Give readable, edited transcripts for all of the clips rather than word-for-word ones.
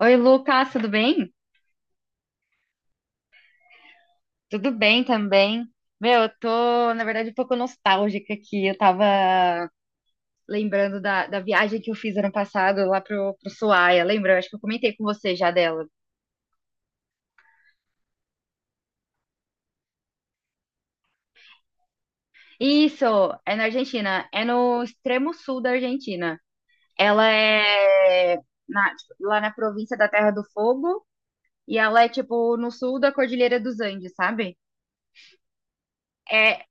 Oi, Lucas, tudo bem? Tudo bem também. Meu, eu tô, na verdade, um pouco nostálgica aqui. Eu tava lembrando da viagem que eu fiz ano passado lá pro Ushuaia. Lembra? Eu acho que eu comentei com você já dela. Isso, é na Argentina. É no extremo sul da Argentina. Ela é tipo, lá na província da Terra do Fogo e ela é, tipo, no sul da Cordilheira dos Andes, sabe? É.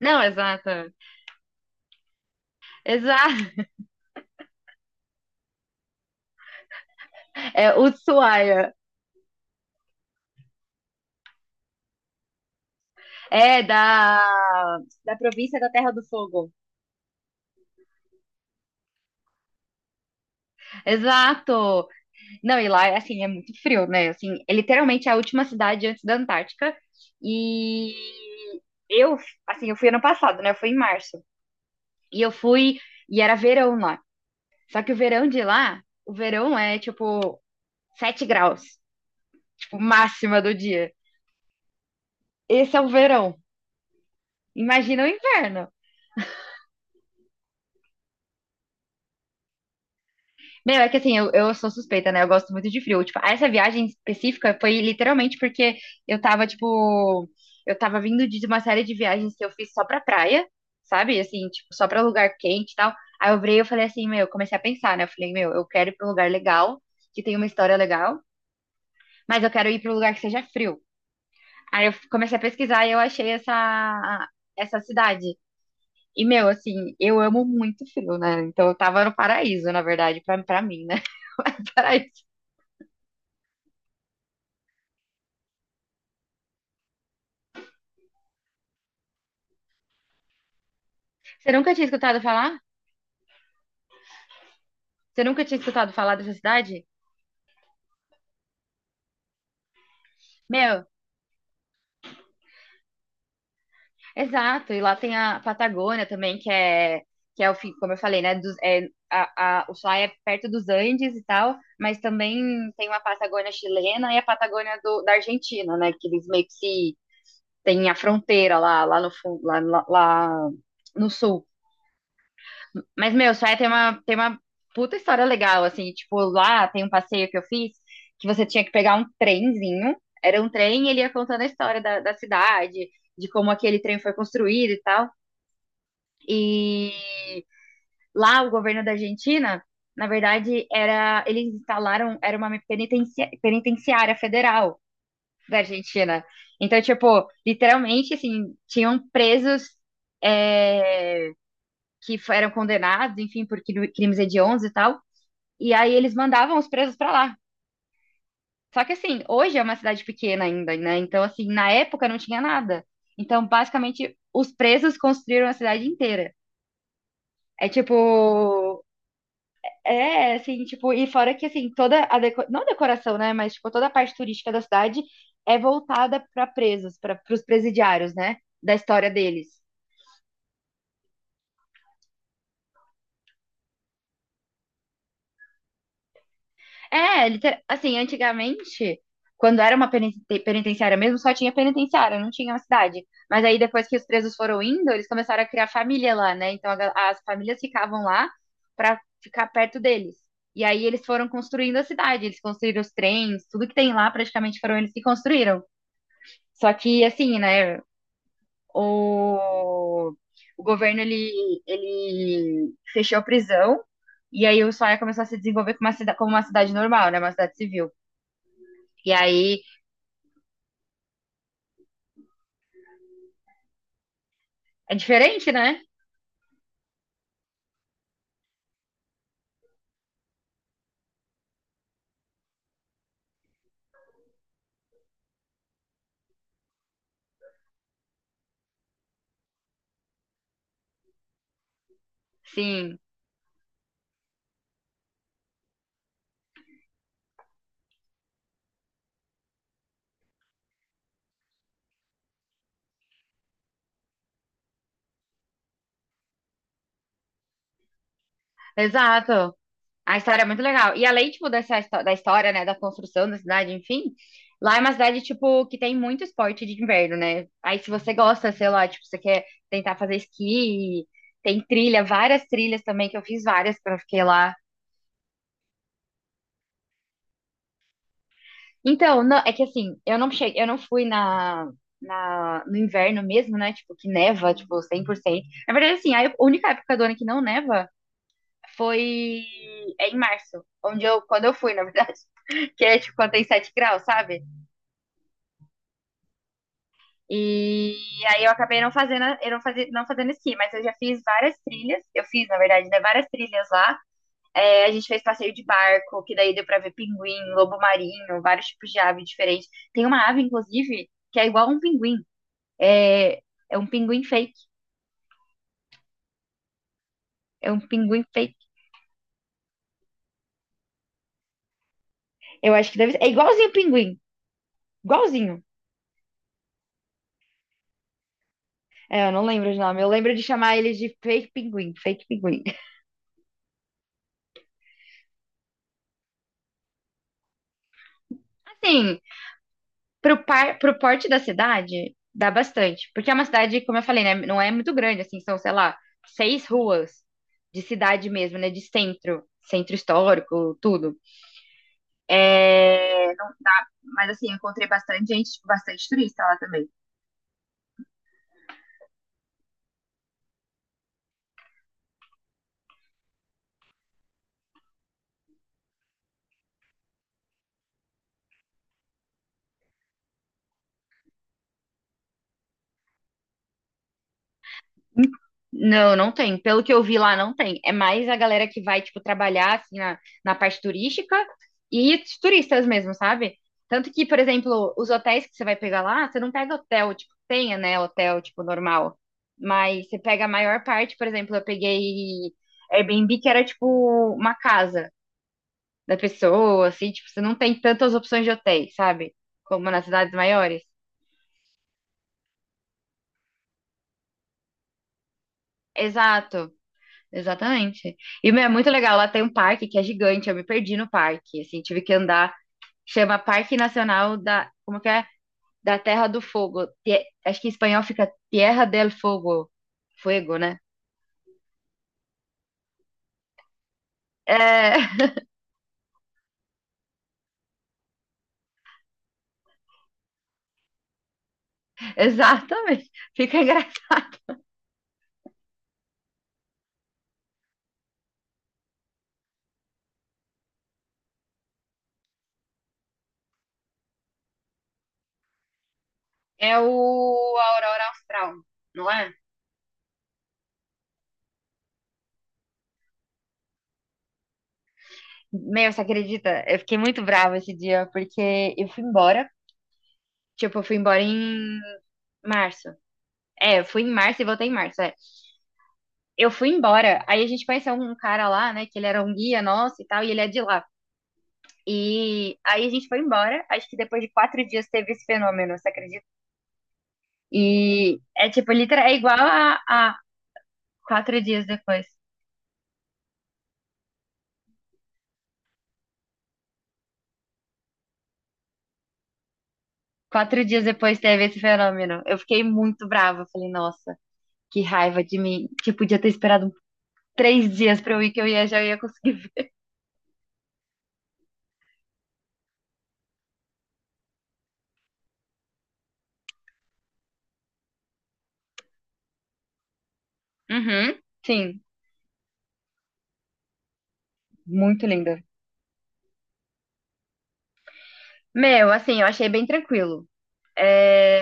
Não, exato. Exato. É Ushuaia. É, da província da Terra do Fogo. Exato! Não, e lá, assim, é muito frio, né? Assim, é literalmente a última cidade antes da Antártica. E eu, assim, eu fui ano passado, né? Eu fui em março. E eu fui, e era verão lá. Só que o verão é, tipo, 7 graus, tipo, máxima do dia. Esse é o verão. Imagina o inverno. Meu, é que assim, eu sou suspeita, né? Eu gosto muito de frio. Tipo, essa viagem específica foi literalmente porque tipo, eu tava vindo de uma série de viagens que eu fiz só pra praia, sabe? Assim, tipo, só pra lugar quente e tal. Aí eu virei e eu falei assim, meu, eu comecei a pensar, né? Eu falei, meu, eu quero ir pra um lugar legal, que tem uma história legal, mas eu quero ir pra um lugar que seja frio. Aí eu comecei a pesquisar e eu achei essa cidade. E, meu, assim, eu amo muito frio, né? Então eu tava no paraíso, na verdade, pra mim, né? Paraíso. Você nunca tinha escutado falar? Você nunca tinha escutado falar dessa cidade? Meu, exato. E lá tem a Patagônia também, que é o, fi- como eu falei, né? O lá é perto dos Andes e tal, mas também tem uma Patagônia chilena e a Patagônia da Argentina, né? Que eles meio que se tem a fronteira lá no fundo, lá no sul. Mas, meu, Ushuaia tem uma puta história legal, assim. Tipo, lá tem um passeio que eu fiz que você tinha que pegar um trenzinho. Era um trem e ele ia contando a história da cidade, de como aquele trem foi construído e tal. E lá o governo da Argentina, na verdade, eles instalaram, era uma penitenciária federal da Argentina. Então, tipo, literalmente, assim, tinham presos, é, que eram condenados, enfim, por crimes hediondos e tal. E aí eles mandavam os presos pra lá. Só que assim, hoje é uma cidade pequena ainda, né? Então, assim, na época não tinha nada. Então, basicamente, os presos construíram a cidade inteira. É tipo. É, assim, tipo, e fora que, assim, toda a, não, a decoração, né, mas, tipo, toda a parte turística da cidade é voltada para presos, para os presidiários, né, da história deles. É, assim, antigamente, quando era uma penitenciária mesmo, só tinha penitenciária, não tinha uma cidade. Mas aí depois que os presos foram indo, eles começaram a criar família lá, né? Então as famílias ficavam lá pra ficar perto deles. E aí eles foram construindo a cidade, eles construíram os trens, tudo que tem lá praticamente foram eles que construíram. Só que assim, né, o, o governo ele fechou a prisão. E aí o Ushuaia começou a se desenvolver como uma cidade normal, né? Uma cidade civil. E aí é diferente, né? Sim, exato. A história é muito legal. E além, tipo, da história, né, da construção da cidade, enfim, lá é uma cidade, tipo, que tem muito esporte de inverno, né? Aí se você gosta, sei lá, tipo, você quer tentar fazer esqui, tem trilha, várias trilhas também, que eu fiz várias quando eu fiquei lá. Então, não, é que assim, eu não cheguei, eu não fui no inverno mesmo, né? Tipo, que neva, tipo, 100%. Na verdade, assim, a única época do ano que não neva foi, em março, onde eu, quando eu fui, na verdade, que é tipo quando tem 7 graus, sabe? E aí eu acabei não fazendo, eu não fazia, não fazendo esqui, mas eu já fiz várias trilhas, eu fiz, na verdade, né, várias trilhas lá. É, a gente fez passeio de barco, que daí deu pra ver pinguim, lobo marinho, vários tipos de ave diferentes. Tem uma ave, inclusive, que é igual a um pinguim. É, é um pinguim fake. É um pinguim fake. Eu acho que deve ser. É igualzinho o pinguim. Igualzinho. É, eu não lembro de nome. Eu lembro de chamar ele de fake pinguim. Fake pinguim. Assim, pro porte da cidade, dá bastante. Porque é uma cidade, como eu falei, né? Não é muito grande, assim, são, sei lá, seis ruas de cidade mesmo, né? De centro, centro histórico, tudo. É. Mas assim, eu encontrei bastante gente, tipo, bastante turista lá também. Hum. Não, não tem. Pelo que eu vi lá, não tem. É mais a galera que vai, tipo, trabalhar, assim, na parte turística e os turistas mesmo, sabe? Tanto que, por exemplo, os hotéis que você vai pegar lá, você não pega hotel, tipo, tenha, né, hotel, tipo, normal. Mas você pega a maior parte, por exemplo, eu peguei Airbnb, que era, tipo, uma casa da pessoa, assim, tipo, você não tem tantas opções de hotéis, sabe? Como nas cidades maiores. Exato. Exatamente. E, meu, é muito legal. Lá tem um parque que é gigante. Eu me perdi no parque. Assim, tive que andar. Chama Parque Nacional da. Como que é? Da Terra do Fogo. Acho que em espanhol fica Tierra del Fogo. Fuego, né? É, exatamente. Fica engraçado. É o Aurora Austral, não é? Meu, você acredita? Eu fiquei muito brava esse dia, porque eu fui embora. Tipo, eu fui embora em março. É, eu fui em março e voltei em março. É. Eu fui embora. Aí a gente conheceu um cara lá, né? Que ele era um guia nosso e tal, e ele é de lá. E aí a gente foi embora. Acho que depois de 4 dias teve esse fenômeno, você acredita? E é tipo, literal, é igual a quatro dias depois. 4 dias depois teve esse fenômeno. Eu fiquei muito brava. Eu falei, nossa, que raiva de mim. Que eu podia ter esperado 3 dias pra eu ir, que eu ia, já ia conseguir ver. Uhum, sim, muito linda. Meu, assim, eu achei bem tranquilo. É,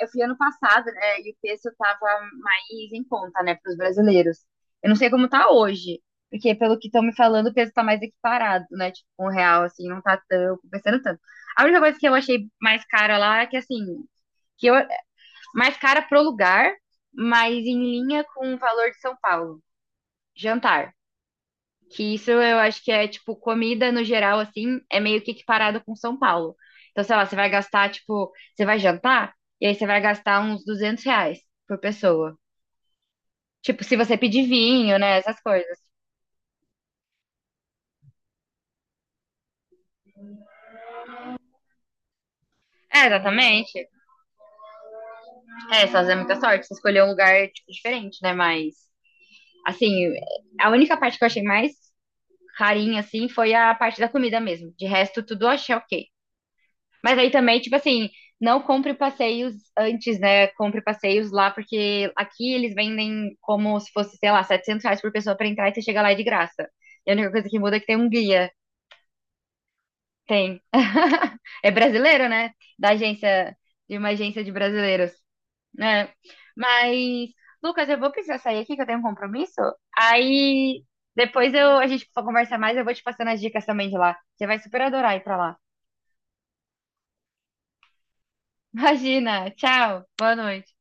eu fui ano passado, né? E o preço estava mais em conta, né, para os brasileiros. Eu não sei como tá hoje, porque pelo que estão me falando, o peso tá mais equiparado, né? Tipo, um real, assim, não tá tão compensando tanto. A única coisa que eu achei mais cara lá é que, assim, que eu, mais cara pro lugar, mas em linha com o valor de São Paulo. Jantar. Que isso eu acho que é, tipo, comida no geral, assim, é meio que equiparado com São Paulo. Então, sei lá, você vai gastar, tipo, você vai jantar, e aí você vai gastar uns R$ 200 por pessoa. Tipo, se você pedir vinho, né, essas coisas. É, exatamente. É, só é muita sorte, você escolheu um lugar, tipo, diferente, né, mas, assim, a única parte que eu achei mais carinha, assim, foi a parte da comida mesmo. De resto, tudo eu achei ok. Mas aí também, tipo assim, não compre passeios antes, né? Compre passeios lá, porque aqui eles vendem como se fosse, sei lá, R$ 700 por pessoa pra entrar e você chega lá é de graça. E a única coisa que muda é que tem um guia. Tem. É brasileiro, né? Da agência, de uma agência de brasileiros, né? Mas, Lucas, eu vou precisar sair aqui que eu tenho um compromisso. Aí depois a gente conversa mais, eu vou te passando as dicas também de lá. Você vai super adorar ir pra lá. Imagina. Tchau. Boa noite.